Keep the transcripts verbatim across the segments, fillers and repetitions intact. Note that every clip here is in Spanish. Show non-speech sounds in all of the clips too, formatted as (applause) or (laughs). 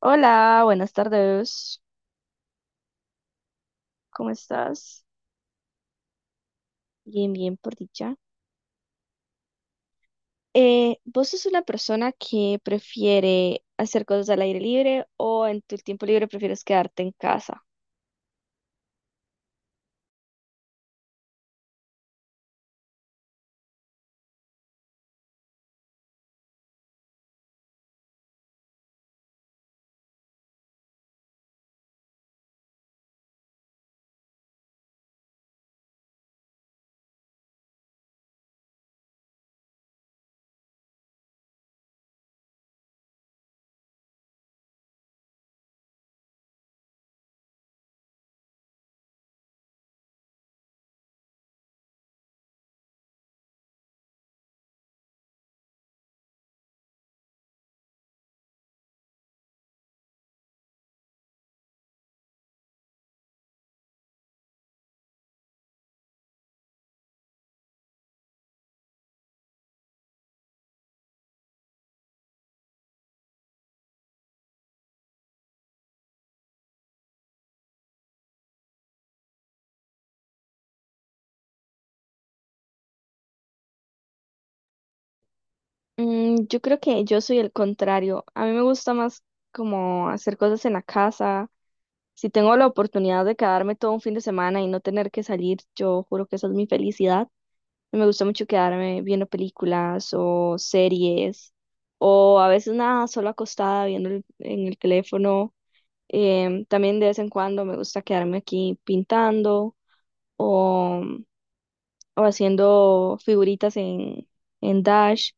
Hola, buenas tardes. ¿Cómo estás? Bien, bien, por dicha. Eh, ¿vos sos una persona que prefiere hacer cosas al aire libre o en tu tiempo libre prefieres quedarte en casa? Mm, yo creo que yo soy el contrario. A mí me gusta más como hacer cosas en la casa. Si tengo la oportunidad de quedarme todo un fin de semana y no tener que salir, yo juro que esa es mi felicidad. Me gusta mucho quedarme viendo películas o series o a veces nada, solo acostada viendo el- en el teléfono. Em, también de vez en cuando me gusta quedarme aquí pintando o haciendo figuritas en, en Dash,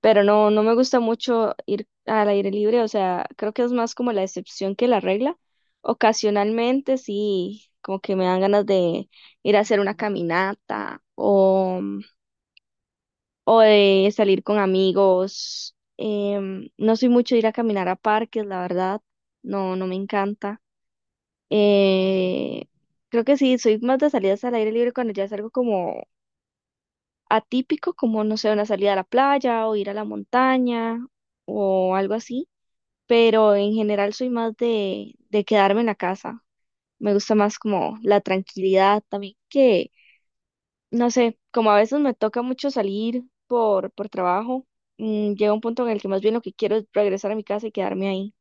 pero no, no me gusta mucho ir al aire libre, o sea, creo que es más como la excepción que la regla. Ocasionalmente sí, como que me dan ganas de ir a hacer una caminata o, o de salir con amigos. Em, no soy mucho de ir a caminar a parques, la verdad, no, no me encanta. Eh, creo que sí, soy más de salidas al aire libre cuando ya es algo como atípico como, no sé, una salida a la playa o ir a la montaña o algo así, pero en general soy más de, de quedarme en la casa. Me gusta más como la tranquilidad también que, no sé, como a veces me toca mucho salir por, por trabajo, mm, llega un punto en el que más bien lo que quiero es regresar a mi casa y quedarme ahí.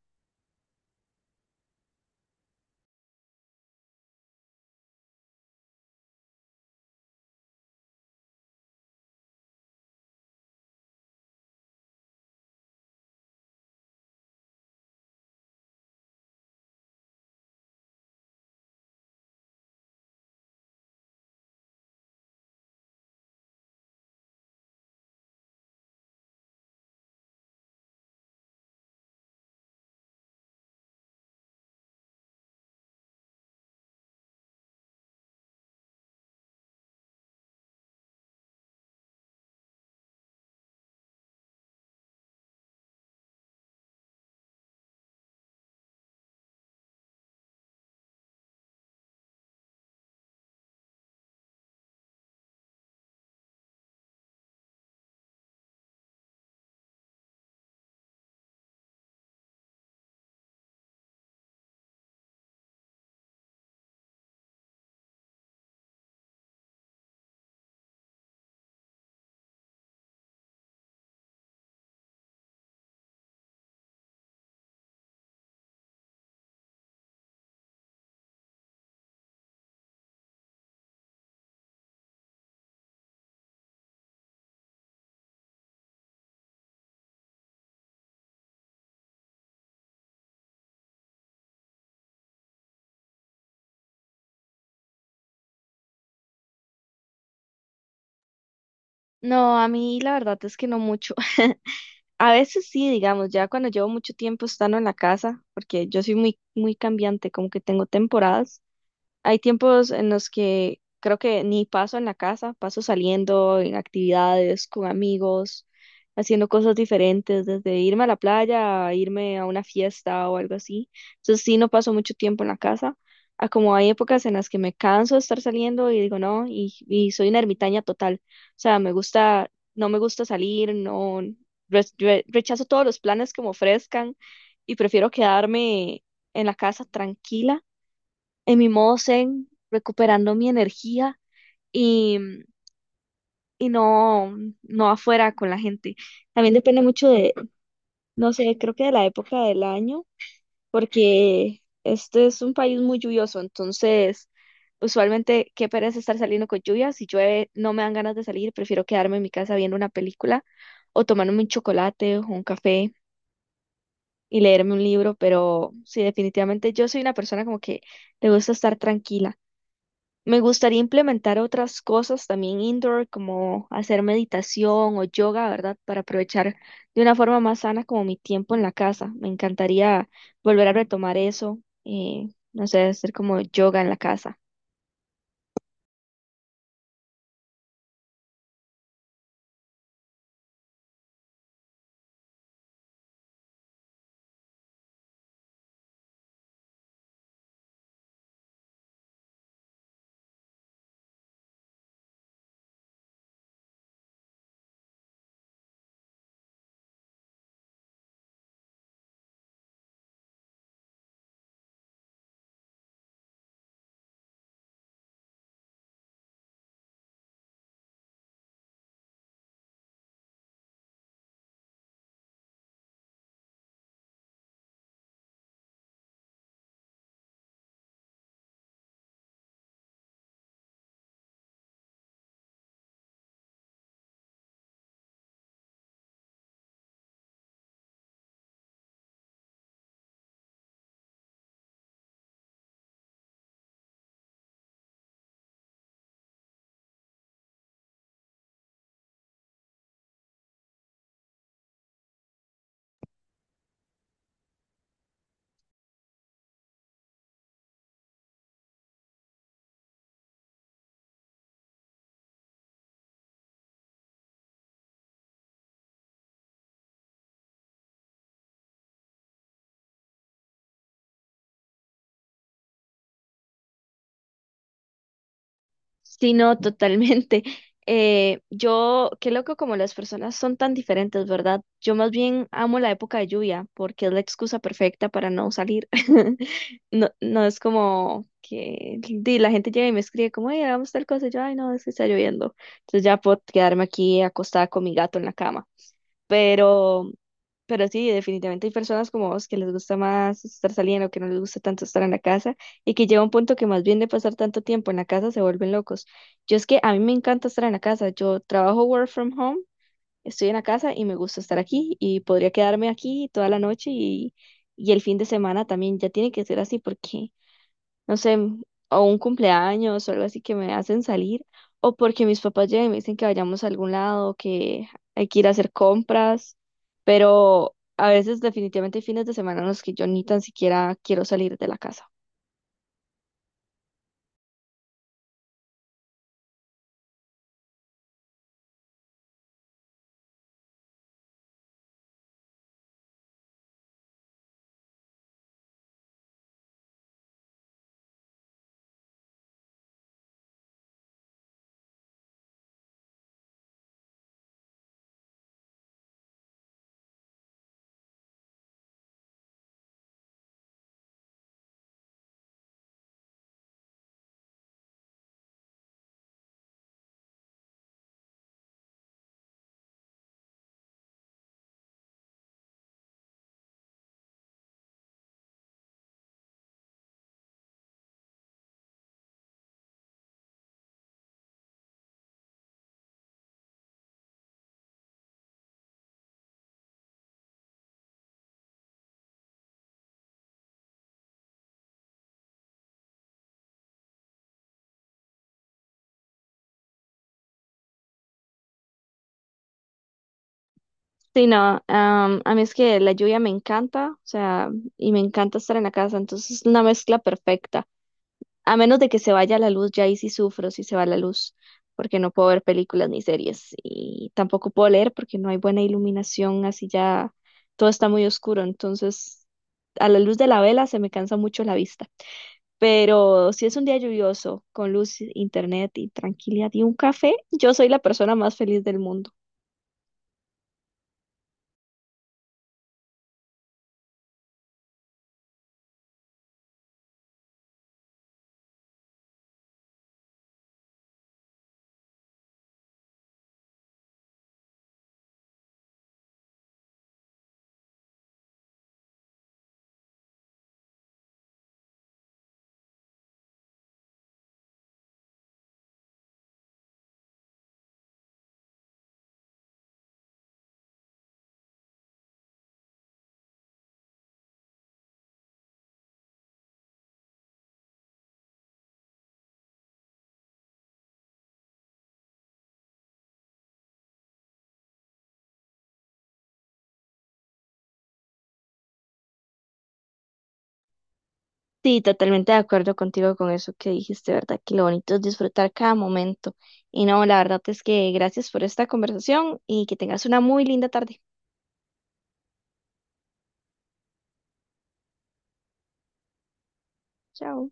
No, a mí la verdad es que no mucho. (laughs) A veces sí, digamos, ya cuando llevo mucho tiempo estando en la casa, porque yo soy muy, muy cambiante, como que tengo temporadas. Hay tiempos en los que creo que ni paso en la casa, paso saliendo en actividades con amigos, haciendo cosas diferentes, desde irme a la playa a irme a una fiesta o algo así. Entonces sí, no paso mucho tiempo en la casa. A como hay épocas en las que me canso de estar saliendo y digo no, y, y soy una ermitaña total. O sea, me gusta, no me gusta salir, no, re- re- rechazo todos los planes que me ofrezcan y prefiero quedarme en la casa tranquila en mi modo zen, recuperando mi energía y, y no, no afuera con la gente. También depende mucho de, no sé, creo que de la época del año, porque este es un país muy lluvioso, entonces usualmente qué pereza estar saliendo con lluvia. Si llueve, no me dan ganas de salir, prefiero quedarme en mi casa viendo una película o tomarme un chocolate o un café y leerme un libro, pero sí, definitivamente yo soy una persona como que le gusta estar tranquila. Me gustaría implementar otras cosas también indoor, como hacer meditación o yoga, ¿verdad? Para aprovechar de una forma más sana como mi tiempo en la casa. Me encantaría volver a retomar eso, eh, no sé, hacer como yoga en la casa. Sí, no, totalmente. (laughs) Eh, yo, qué loco como las personas son tan diferentes, ¿verdad? Yo más bien amo la época de lluvia porque es la excusa perfecta para no salir. (laughs) No, no es como que di, la gente llega y me escribe como, hey, hagamos tal cosa. Y yo, ay, no, es que está lloviendo. Entonces ya puedo quedarme aquí acostada con mi gato en la cama. Pero pero sí, definitivamente hay personas como vos que les gusta más estar saliendo, que no les gusta tanto estar en la casa y que llega un punto que más bien de pasar tanto tiempo en la casa se vuelven locos. Yo es que a mí me encanta estar en la casa. Yo trabajo work from home, estoy en la casa y me gusta estar aquí y podría quedarme aquí toda la noche y, y el fin de semana también. Ya tiene que ser así porque no sé, o un cumpleaños o algo así que me hacen salir, o porque mis papás llegan y me dicen que vayamos a algún lado, que hay que ir a hacer compras, pero a veces definitivamente hay fines de semana en los que yo ni tan siquiera quiero salir de la casa. Sí, no, am, a mí es que la lluvia me encanta, o sea, y me encanta estar en la casa, entonces es una mezcla perfecta. A menos de que se vaya la luz, ya ahí sí sufro si se va la luz, porque no puedo ver películas ni series y tampoco puedo leer porque no hay buena iluminación, así ya todo está muy oscuro, entonces a la luz de la vela se me cansa mucho la vista. Pero si es un día lluvioso, con luz, internet y tranquilidad y un café, yo soy la persona más feliz del mundo. Sí, totalmente de acuerdo contigo con eso que dijiste, ¿verdad? Que lo bonito es disfrutar cada momento. Y no, la verdad es que gracias por esta conversación y que tengas una muy linda tarde. Chao.